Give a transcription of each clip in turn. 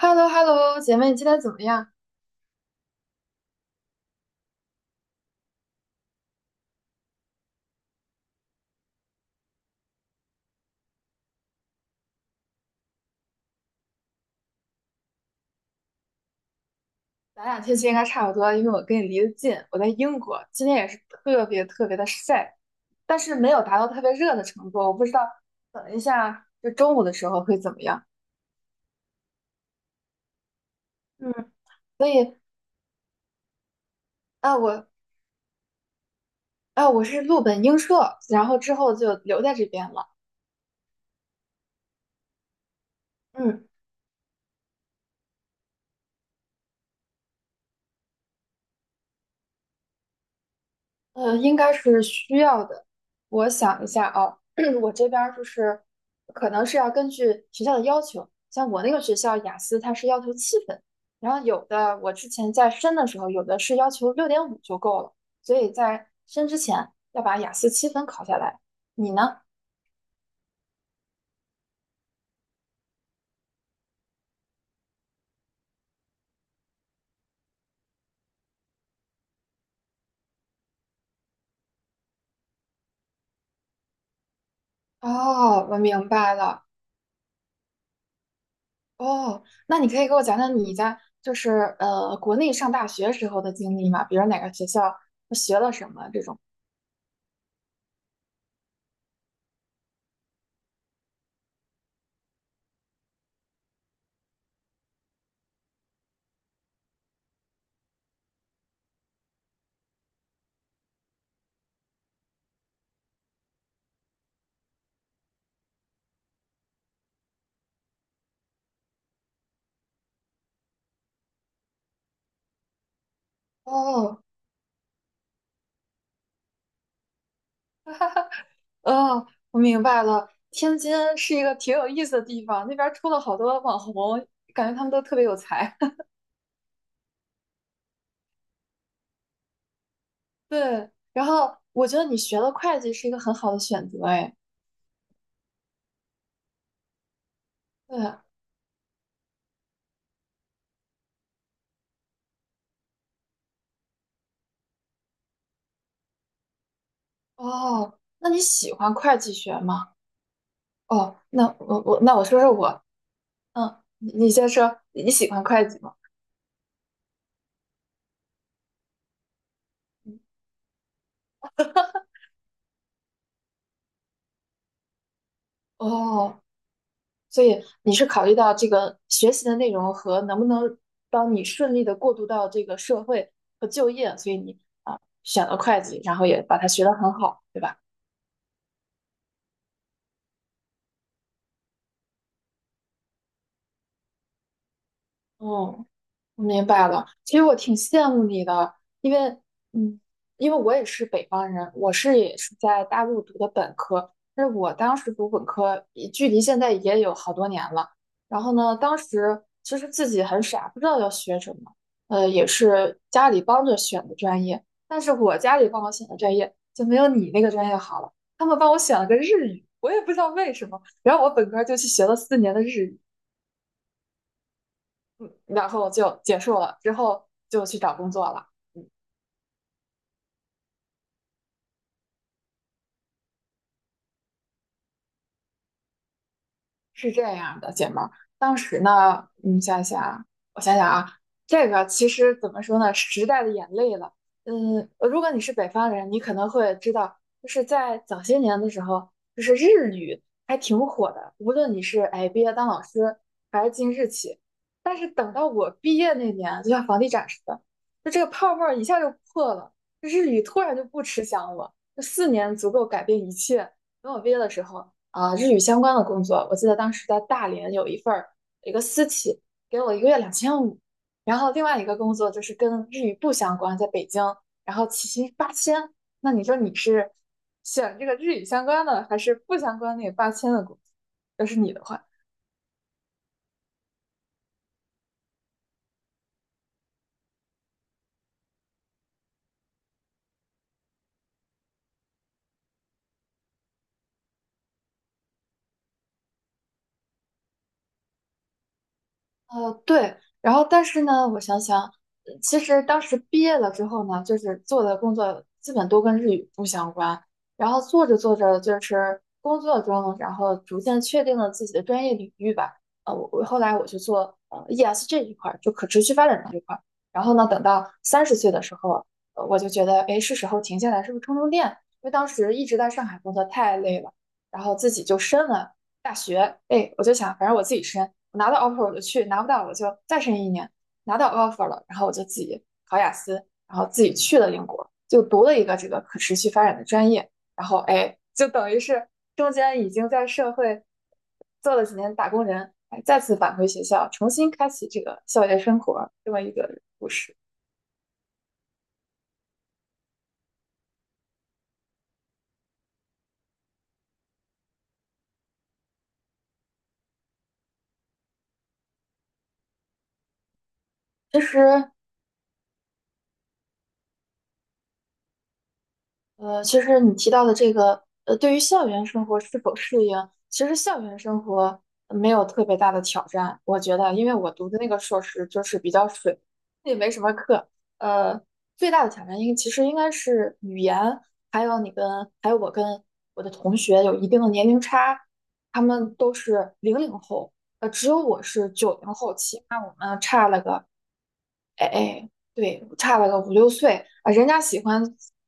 h e l l o h e l l o 姐妹，你今天怎么样？咱俩天气应该差不多，因为我跟你离得近，我在英国，今天也是特别特别的晒，但是没有达到特别热的程度。我不知道，等一下就中午的时候会怎么样。嗯，所以啊，我是陆本英硕，然后之后就留在这边了。嗯。应该是需要的。我想一下啊，我这边儿就是可能是要根据学校的要求，像我那个学校雅思它是要求七分，然后有的我之前在申的时候，有的是要求6.5就够了，所以在申之前要把雅思七分考下来。你呢？哦，我明白了。哦，那你可以给我讲讲你在就是国内上大学时候的经历吗？比如哪个学校学了什么这种？哦，哦，我明白了。天津是一个挺有意思的地方，那边儿出了好多网红，感觉他们都特别有才。对，然后我觉得你学了会计是一个很好的选择，哎，对，哦，那你喜欢会计学吗？哦，那我说说我，嗯，你先说，你喜欢会计吗？嗯，哦，所以你是考虑到这个学习的内容和能不能帮你顺利的过渡到这个社会和就业，所以你啊选了会计，然后也把它学得很好，对吧？嗯。我明白了，其实我挺羡慕你的，因为，嗯，因为我也是北方人，我也是在大陆读的本科，但是我当时读本科，也距离现在也有好多年了。然后呢，当时其实自己很傻，不知道要学什么，也是家里帮着选的专业，但是我家里帮我选的专业就没有你那个专业好了，他们帮我选了个日语，我也不知道为什么，然后我本科就去学了四年的日语。然后就结束了，之后就去找工作了。嗯，是这样的，姐妹儿，当时呢，你想想，我想想啊，这个其实怎么说呢，时代的眼泪了。嗯，如果你是北方人，你可能会知道，就是在早些年的时候，就是日语还挺火的，无论你是哎毕业当老师，还是进日企。但是等到我毕业那年，就像房地产似的，就这个泡沫儿一下就破了，就日语突然就不吃香了。就四年足够改变一切。等我毕业的时候。啊，日语相关的工作。我记得当时在大连有一份儿，一个私企给我一个月2500，然后另外一个工作就是跟日语不相关，在北京，然后起薪八千。那你说你是选这个日语相关的，还是不相关那个八千的工作？要是你的话，对，然后但是呢，我想想，其实当时毕业了之后呢，就是做的工作基本都跟日语不相关，然后做着做着就是工作中，然后逐渐确定了自己的专业领域吧。我后来我去做ESG 这一块儿，就可持续发展这一块儿。然后呢，等到30岁的时候，我就觉得，哎，是时候停下来，是不是充充电？因为当时一直在上海工作太累了，然后自己就申了大学，哎，我就想，反正我自己申，我拿到 offer 我就去，拿不到我就再申一年，拿到 offer 了，然后我就自己考雅思，然后自己去了英国，就读了一个这个可持续发展的专业，然后哎，就等于是中间已经在社会做了几年打工人，哎，再次返回学校，重新开启这个校园生活，这么一个故事。其实其实你提到的这个，对于校园生活是否适应，其实校园生活没有特别大的挑战，我觉得，因为我读的那个硕士就是比较水，也没什么课。呃，最大的挑战应其实应该是语言，还有我跟我的同学有一定的年龄差，他们都是00后，只有我是90后起，那我们差了个。哎哎，对，差了个五六岁啊，人家喜欢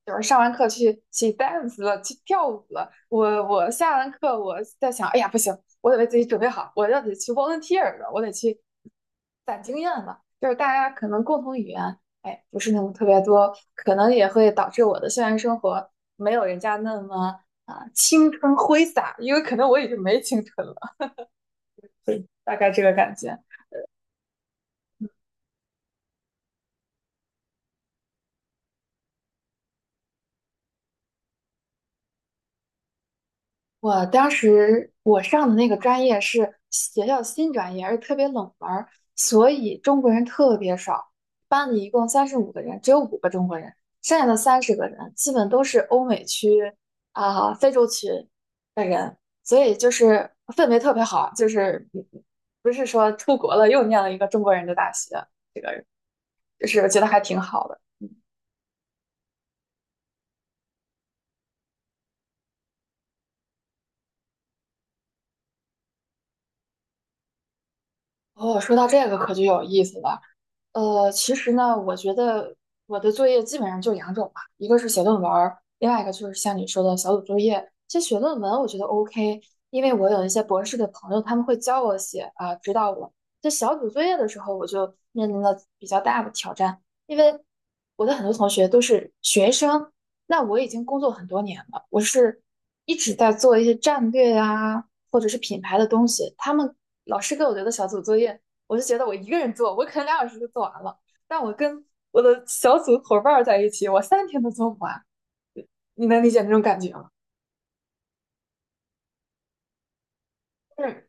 就是上完课去 dance 了，去跳舞了。我下完课我在想，哎呀不行，我得为自己准备好，得去 volunteer 了，我得去攒经验了。就是大家可能共同语言，哎，不是那么特别多，可能也会导致我的校园生活没有人家那么啊青春挥洒，因为可能我已经没青春了，对，大概这个感觉。我当时上的那个专业是学校新专业，而且特别冷门儿，所以中国人特别少。班里一共35个人，只有五个中国人，剩下的30个人基本都是欧美区啊、非洲区的人，所以就是氛围特别好，就是不是说出国了又念了一个中国人的大学，这个就是觉得还挺好的。哦，说到这个可就有意思了。其实呢，我觉得我的作业基本上就两种吧，一个是写论文儿另外一个就是像你说的小组作业。其实写论文我觉得 OK，因为我有一些博士的朋友，他们会教我写啊，指导我。在小组作业的时候，我就面临了比较大的挑战，因为我的很多同学都是学生，那我已经工作很多年了，我是一直在做一些战略啊，或者是品牌的东西。他们老师给我留的小组作业。我就觉得我一个人做，我可能2小时就做完了，但我跟我的小组伙伴在一起，我3天都做不完。你能理解那种感觉吗？是，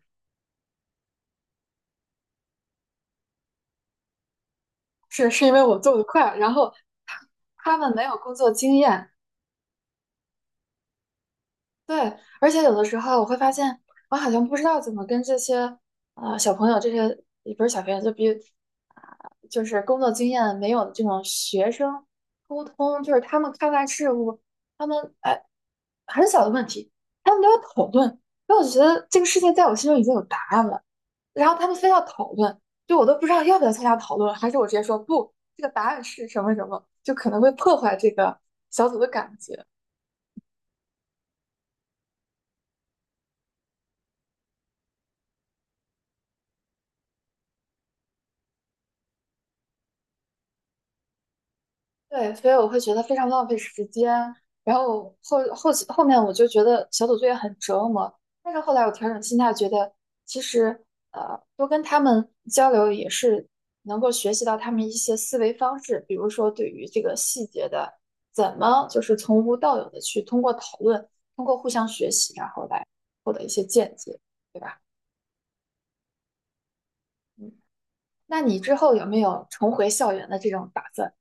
是，是，因为我做的快，然后他他们没有工作经验，对，而且有的时候我会发现，我好像不知道怎么跟这些小朋友，这些也不是小朋友，就比啊、就是工作经验没有的这种学生沟通，就是他们看待事物，他们哎很小的问题，他们都要讨论。因为我觉得这个事情在我心中已经有答案了，然后他们非要讨论，就我都不知道要不要参加讨论，还是我直接说不，这个答案是什么什么，就可能会破坏这个小组的感觉。对，所以我会觉得非常浪费时间。然后后后期后面我就觉得小组作业很折磨，但是后来我调整心态，觉得其实多跟他们交流也是能够学习到他们一些思维方式，比如说对于这个细节的怎么就是从无到有的去通过讨论，通过互相学习，然后来获得一些见解，对吧？嗯，那你之后有没有重回校园的这种打算？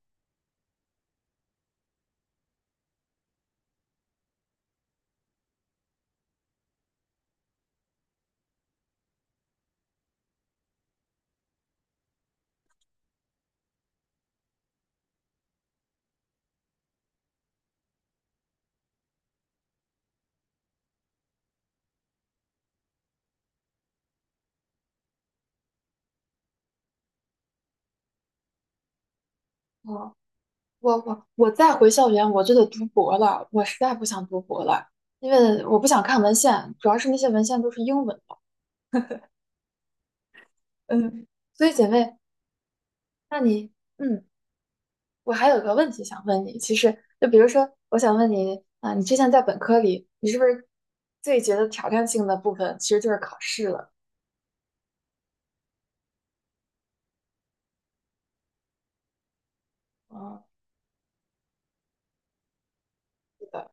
我再回校园，我就得读博了。我实在不想读博了，因为我不想看文献，主要是那些文献都是英文的。嗯，所以姐妹，那你，嗯，我还有个问题想问你。其实，就比如说，我想问你啊，你之前在本科里，你是不是最觉得挑战性的部分其实就是考试了？啊，是的，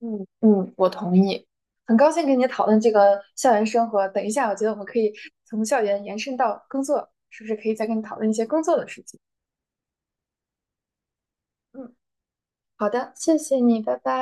嗯嗯，我同意。很高兴跟你讨论这个校园生活。等一下，我觉得我们可以从校园延伸到工作，是不是可以再跟你讨论一些工作的事情？嗯，好的，谢谢你，拜拜。